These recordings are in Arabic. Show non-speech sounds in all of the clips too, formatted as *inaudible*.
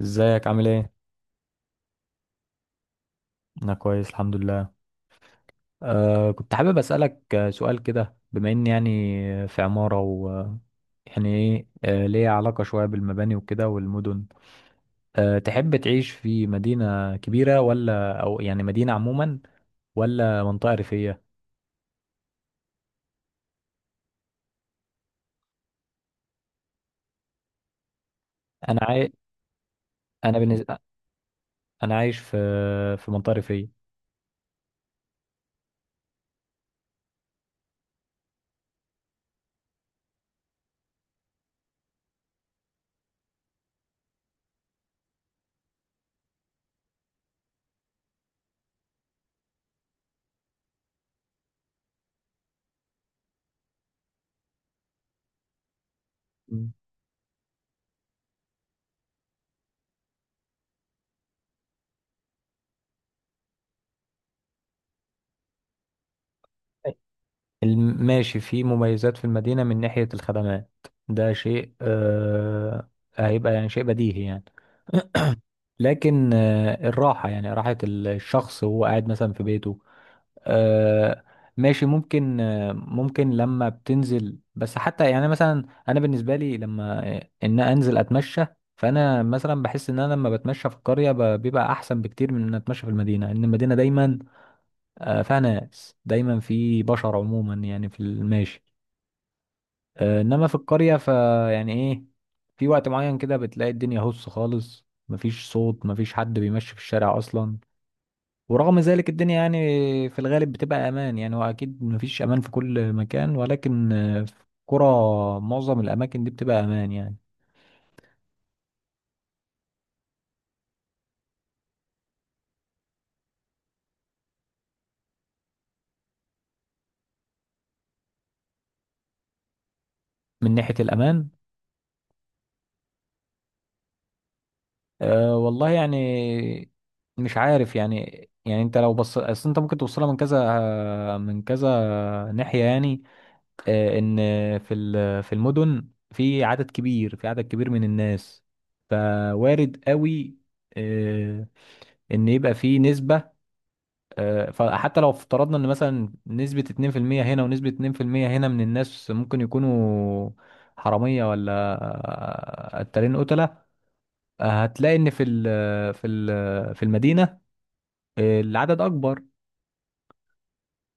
ازيك عامل ايه؟ انا كويس الحمد لله. كنت حابب اسألك سؤال كده بما اني يعني في عمارة و يعني ايه ليه علاقة شوية بالمباني وكده والمدن. تحب تعيش في مدينة كبيرة ولا يعني مدينة عموما ولا منطقة ريفية؟ انا عاي... انا بالنسبة انا عايش في منطقة ريفية. م. ماشي، في مميزات في المدينة من ناحية الخدمات، ده شيء هيبقى يعني شيء بديهي يعني. لكن الراحة، يعني راحة الشخص وهو قاعد مثلا في بيته، آه، ماشي ممكن ممكن لما بتنزل بس حتى يعني مثلا أنا بالنسبة لي لما إن أنزل أتمشى. فأنا مثلا بحس إن أنا لما بتمشى في القرية بيبقى أحسن بكتير من إن أتمشى في المدينة، لأن المدينة دايما فيها ناس دايما، في بشر عموما يعني في الماشي. إنما في القرية فيعني إيه، في وقت معين كده بتلاقي الدنيا هص خالص، مفيش صوت، مفيش حد بيمشي في الشارع أصلا. ورغم ذلك الدنيا يعني في الغالب بتبقى امان يعني، واكيد مفيش امان في كل مكان، ولكن في كرة معظم الاماكن دي بتبقى امان يعني. من ناحية الامان، والله يعني مش عارف يعني. يعني انت لو بص اصل انت ممكن توصلها من كذا ناحية يعني. ان في المدن، في عدد كبير من الناس، فوارد قوي آه، ان يبقى في نسبة فحتى لو افترضنا ان مثلا نسبة 2% هنا ونسبة 2% هنا من الناس ممكن يكونوا حرامية ولا قتالين قتلة، هتلاقي ان في المدينة العدد اكبر،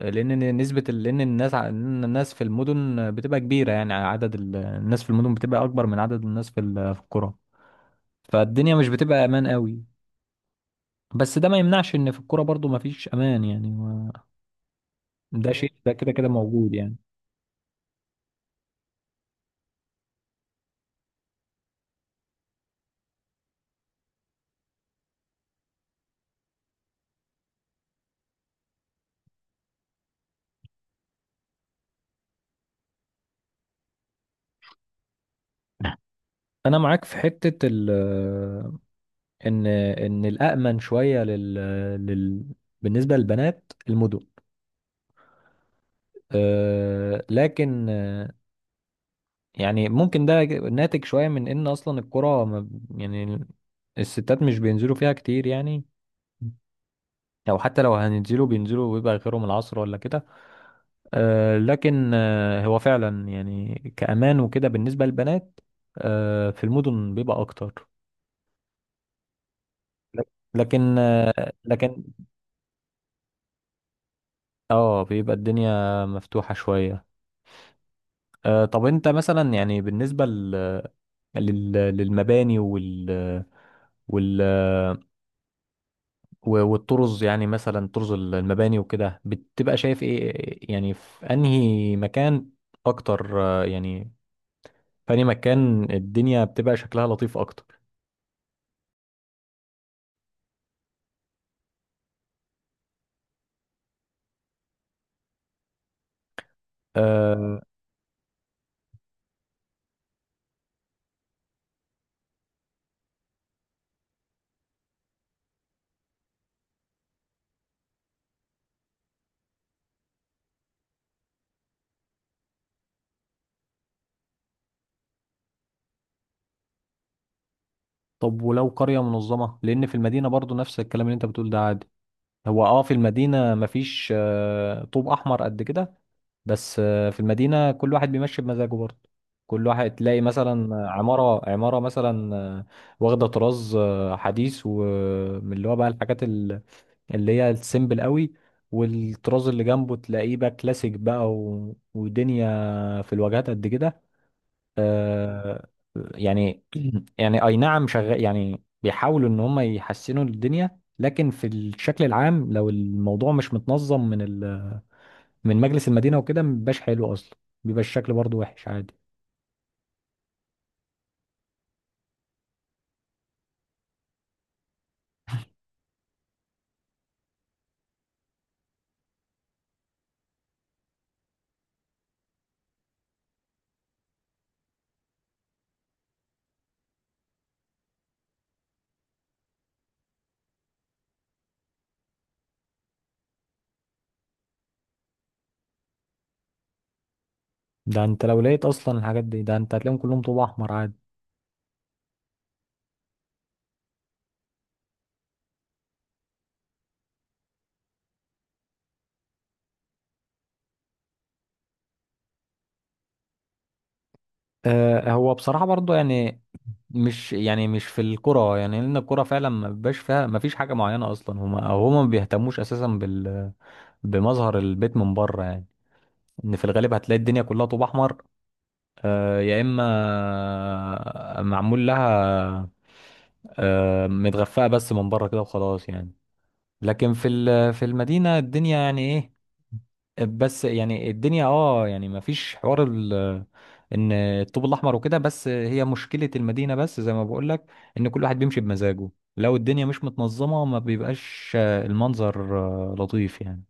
لان الناس ع- لأن الناس في المدن بتبقى كبيرة، يعني عدد الناس في المدن بتبقى اكبر من عدد الناس في في القرى، فالدنيا مش بتبقى امان قوي. بس ده ما يمنعش ان في الكوره برضو ما فيش امان يعني ده شيء ده كده كده موجود يعني. انا معاك في حتة ال ان الامن شوية لل, لل بالنسبة للبنات المدن، لكن يعني ممكن ده ناتج شوية من ان اصلا القرى يعني الستات مش بينزلوا فيها كتير يعني، او حتى لو هننزلوا بينزلوا ويبقى غيرهم العصر ولا كده. لكن هو فعلا يعني كأمان وكده بالنسبة للبنات، في المدن بيبقى اكتر. لكن لكن اه بيبقى الدنيا مفتوحة شوية. طب انت مثلا يعني بالنسبة للمباني وال... والطرز، يعني مثلا طرز المباني وكده بتبقى شايف ايه يعني، في انهي مكان اكتر يعني في انهي مكان الدنيا بتبقى شكلها لطيف اكتر؟ آه طب ولو قرية منظمة؟ لان في المدينة برضو نفس الكلام اللي انت بتقول ده عادي. هو اه في المدينة مفيش طوب احمر قد كده، بس في المدينة كل واحد بيمشي بمزاجه برضه. كل واحد تلاقي مثلا عمارة مثلا واخدة طراز حديث، ومن اللي هو بقى الحاجات اللي هي السيمبل قوي، والطراز اللي جنبه تلاقيه بقى كلاسيك بقى و... ودنيا في الواجهات قد كده. آه، يعني *clears throat* يعني اي نعم شغال، يعني بيحاولوا ان هم يحسنوا الدنيا، لكن في الشكل العام لو الموضوع مش متنظم من مجلس المدينة وكده مبيبقاش حلو أصلا، بيبقى الشكل برضو وحش عادي. ده أنت لو لقيت أصلا الحاجات دي، ده أنت هتلاقيهم كلهم طوب أحمر عادي. هو بصراحة برضو يعني مش يعني مش في الكرة يعني، لأن الكرة فعلا ما بيبقاش فيها ما فيش حاجة معينة أصلا، هما ما بيهتموش أساسا بمظهر البيت من بره يعني. إن في الغالب هتلاقي الدنيا كلها طوب أحمر، يا إما معمول لها متغفاء بس من بره كده وخلاص يعني. لكن في في المدينة الدنيا يعني إيه، بس يعني الدنيا اه يعني ما فيش حوار ال ان الطوب الاحمر وكده. بس هي مشكله المدينه، بس زي ما بقول لك ان كل واحد بيمشي بمزاجه، لو الدنيا مش متنظمه ما بيبقاش المنظر لطيف يعني.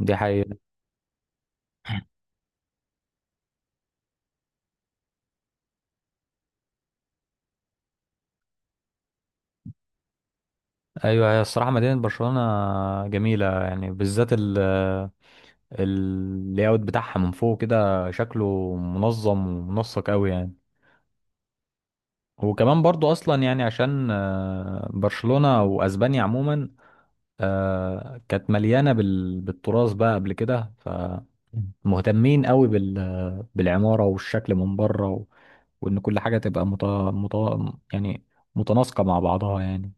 دي حقيقة. أيوة، هي الصراحة مدينة برشلونة جميلة، يعني بالذات اللاyout بتاعها من فوق كده شكله منظم ومنسق أوي يعني. وكمان برضو أصلا يعني عشان برشلونة وأسبانيا عموما كانت مليانة بالتراث بقى قبل كده، فمهتمين قوي بالعمارة والشكل من بره و... وإن كل حاجة تبقى مت... يعني متناسقة مع بعضها يعني.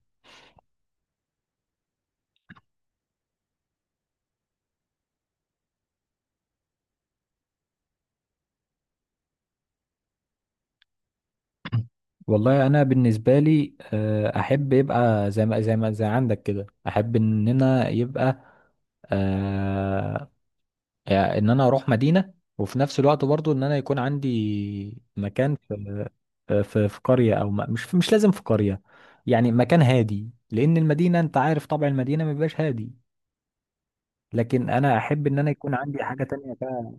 والله أنا بالنسبة لي أحب يبقى زي ما زي ما زي عندك كده. أحب إننا يبقى آه، يعني إن أنا أروح مدينة، وفي نفس الوقت برضو إن أنا يكون عندي مكان في قرية او ما مش لازم في قرية، يعني مكان هادي، لان المدينة انت عارف طبع المدينة ما بيبقاش هادي. لكن انا احب ان انا يكون عندي حاجة تانية كده.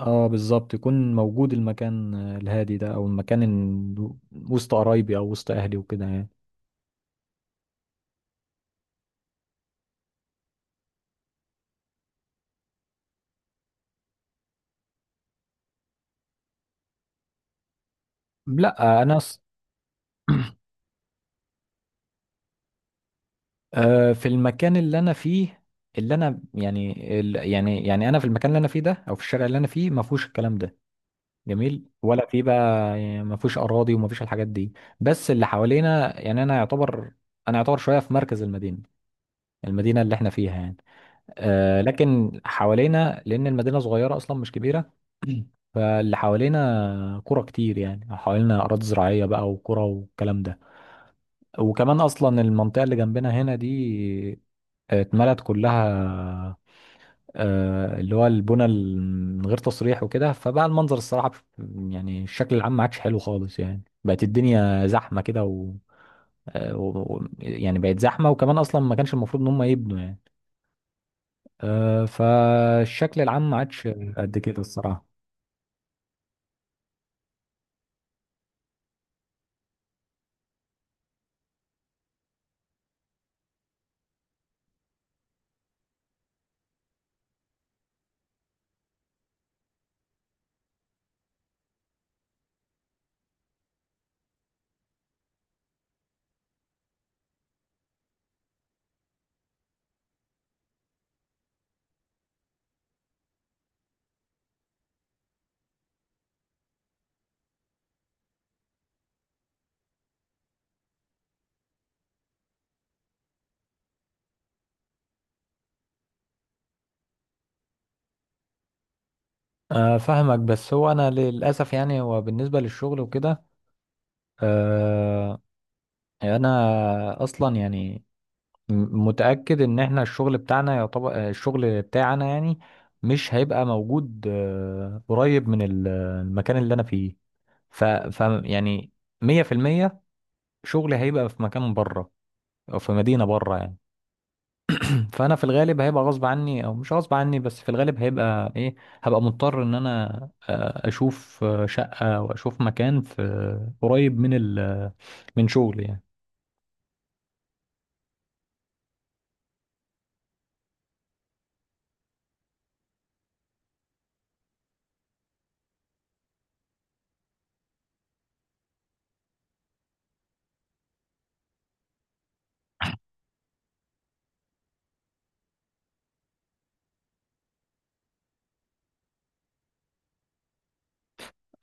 اه بالظبط، يكون موجود المكان الهادي ده، او المكان وسط قرايبي او وسط اهلي وكده يعني. لا انا ص- *clears throat* في المكان اللي انا فيه، اللي انا يعني يعني انا في المكان اللي انا فيه ده، او في الشارع اللي انا فيه، ما فيهوش الكلام ده جميل ولا في بقى، يعني ما فيش اراضي وما فيش الحاجات دي. بس اللي حوالينا يعني انا يعتبر شويه في مركز المدينه، المدينه اللي احنا فيها يعني. لكن حوالينا، لان المدينه صغيره اصلا مش كبيره، فاللي حوالينا قرى كتير، يعني حوالينا اراضي زراعيه بقى وقرى والكلام ده. وكمان اصلا المنطقه اللي جنبنا هنا دي اتملت كلها اللي هو البنى من غير تصريح وكده، فبقى المنظر الصراحة يعني الشكل العام ما عادش حلو خالص يعني، بقت الدنيا زحمة كده و... يعني بقت زحمة، وكمان أصلا ما كانش المفروض إن هم يبنوا يعني. فالشكل العام ما عادش قد كده الصراحة. فاهمك، بس هو أنا للأسف يعني هو بالنسبة للشغل وكده آه، أنا أصلا يعني متأكد ان احنا الشغل بتاعنا، يعتبر الشغل بتاعنا يعني مش هيبقى موجود قريب من المكان اللي انا فيه. ف يعني 100% شغلي هيبقى في مكان بره، او في مدينة بره يعني. *clears throat* فانا في الغالب هيبقى غصب عني او مش غصب عني، بس في الغالب هيبقى ايه، هبقى مضطر ان انا اشوف شقة واشوف مكان قريب من من شغلي يعني.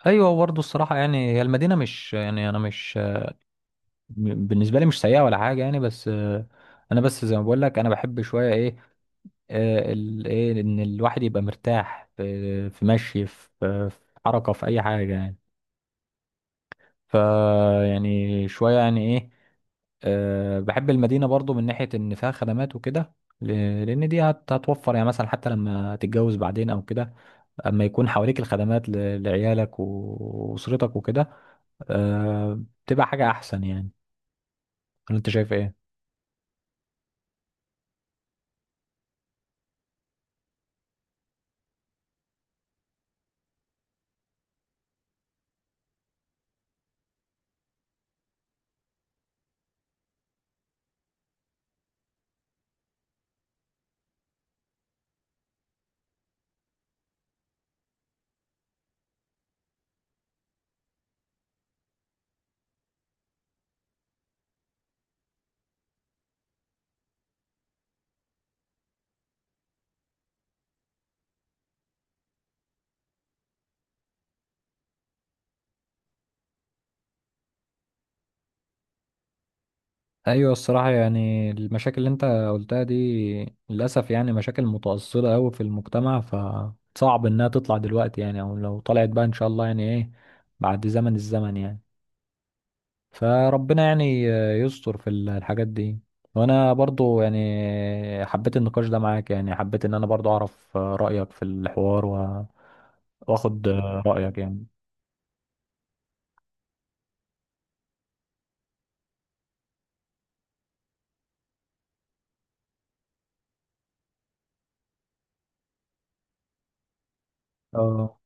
ايوه برضه الصراحه يعني، هي المدينه مش يعني انا مش بالنسبه لي مش سيئه ولا حاجه يعني، بس انا بس زي ما بقول لك انا بحب شويه ايه ايه ان الواحد يبقى مرتاح في في مشي في في حركه في اي حاجه يعني. ف يعني شويه يعني ايه بحب المدينه برضو من ناحيه ان فيها خدمات وكده، لان دي هتوفر يعني مثلا حتى لما تتجوز بعدين او كده، اما يكون حواليك الخدمات لعيالك واسرتك وكده بتبقى حاجه احسن يعني. ولا انت شايف ايه؟ ايوه الصراحه يعني، المشاكل اللي انت قلتها دي للاسف يعني مشاكل متأصلة قوي في المجتمع، فصعب انها تطلع دلوقتي يعني، او لو طلعت بقى ان شاء الله يعني ايه بعد الزمن يعني. فربنا يعني يستر في الحاجات دي. وانا برضو يعني حبيت النقاش ده معاك، يعني حبيت ان انا برضو اعرف رأيك في الحوار واخد رأيك يعني. اه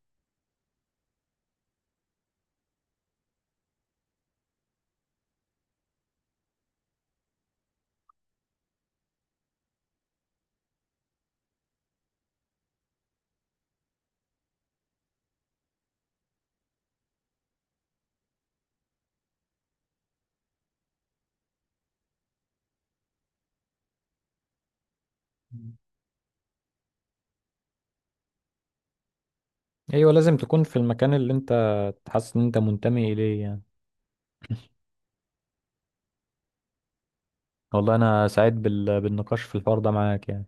ايوه، لازم تكون في المكان اللي انت تحس ان انت منتمي اليه يعني. والله انا سعيد بالنقاش في الحوار ده معاك يعني.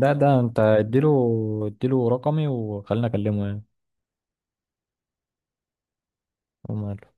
ده انت اديله رقمي وخلينا اكلمه يعني. وما-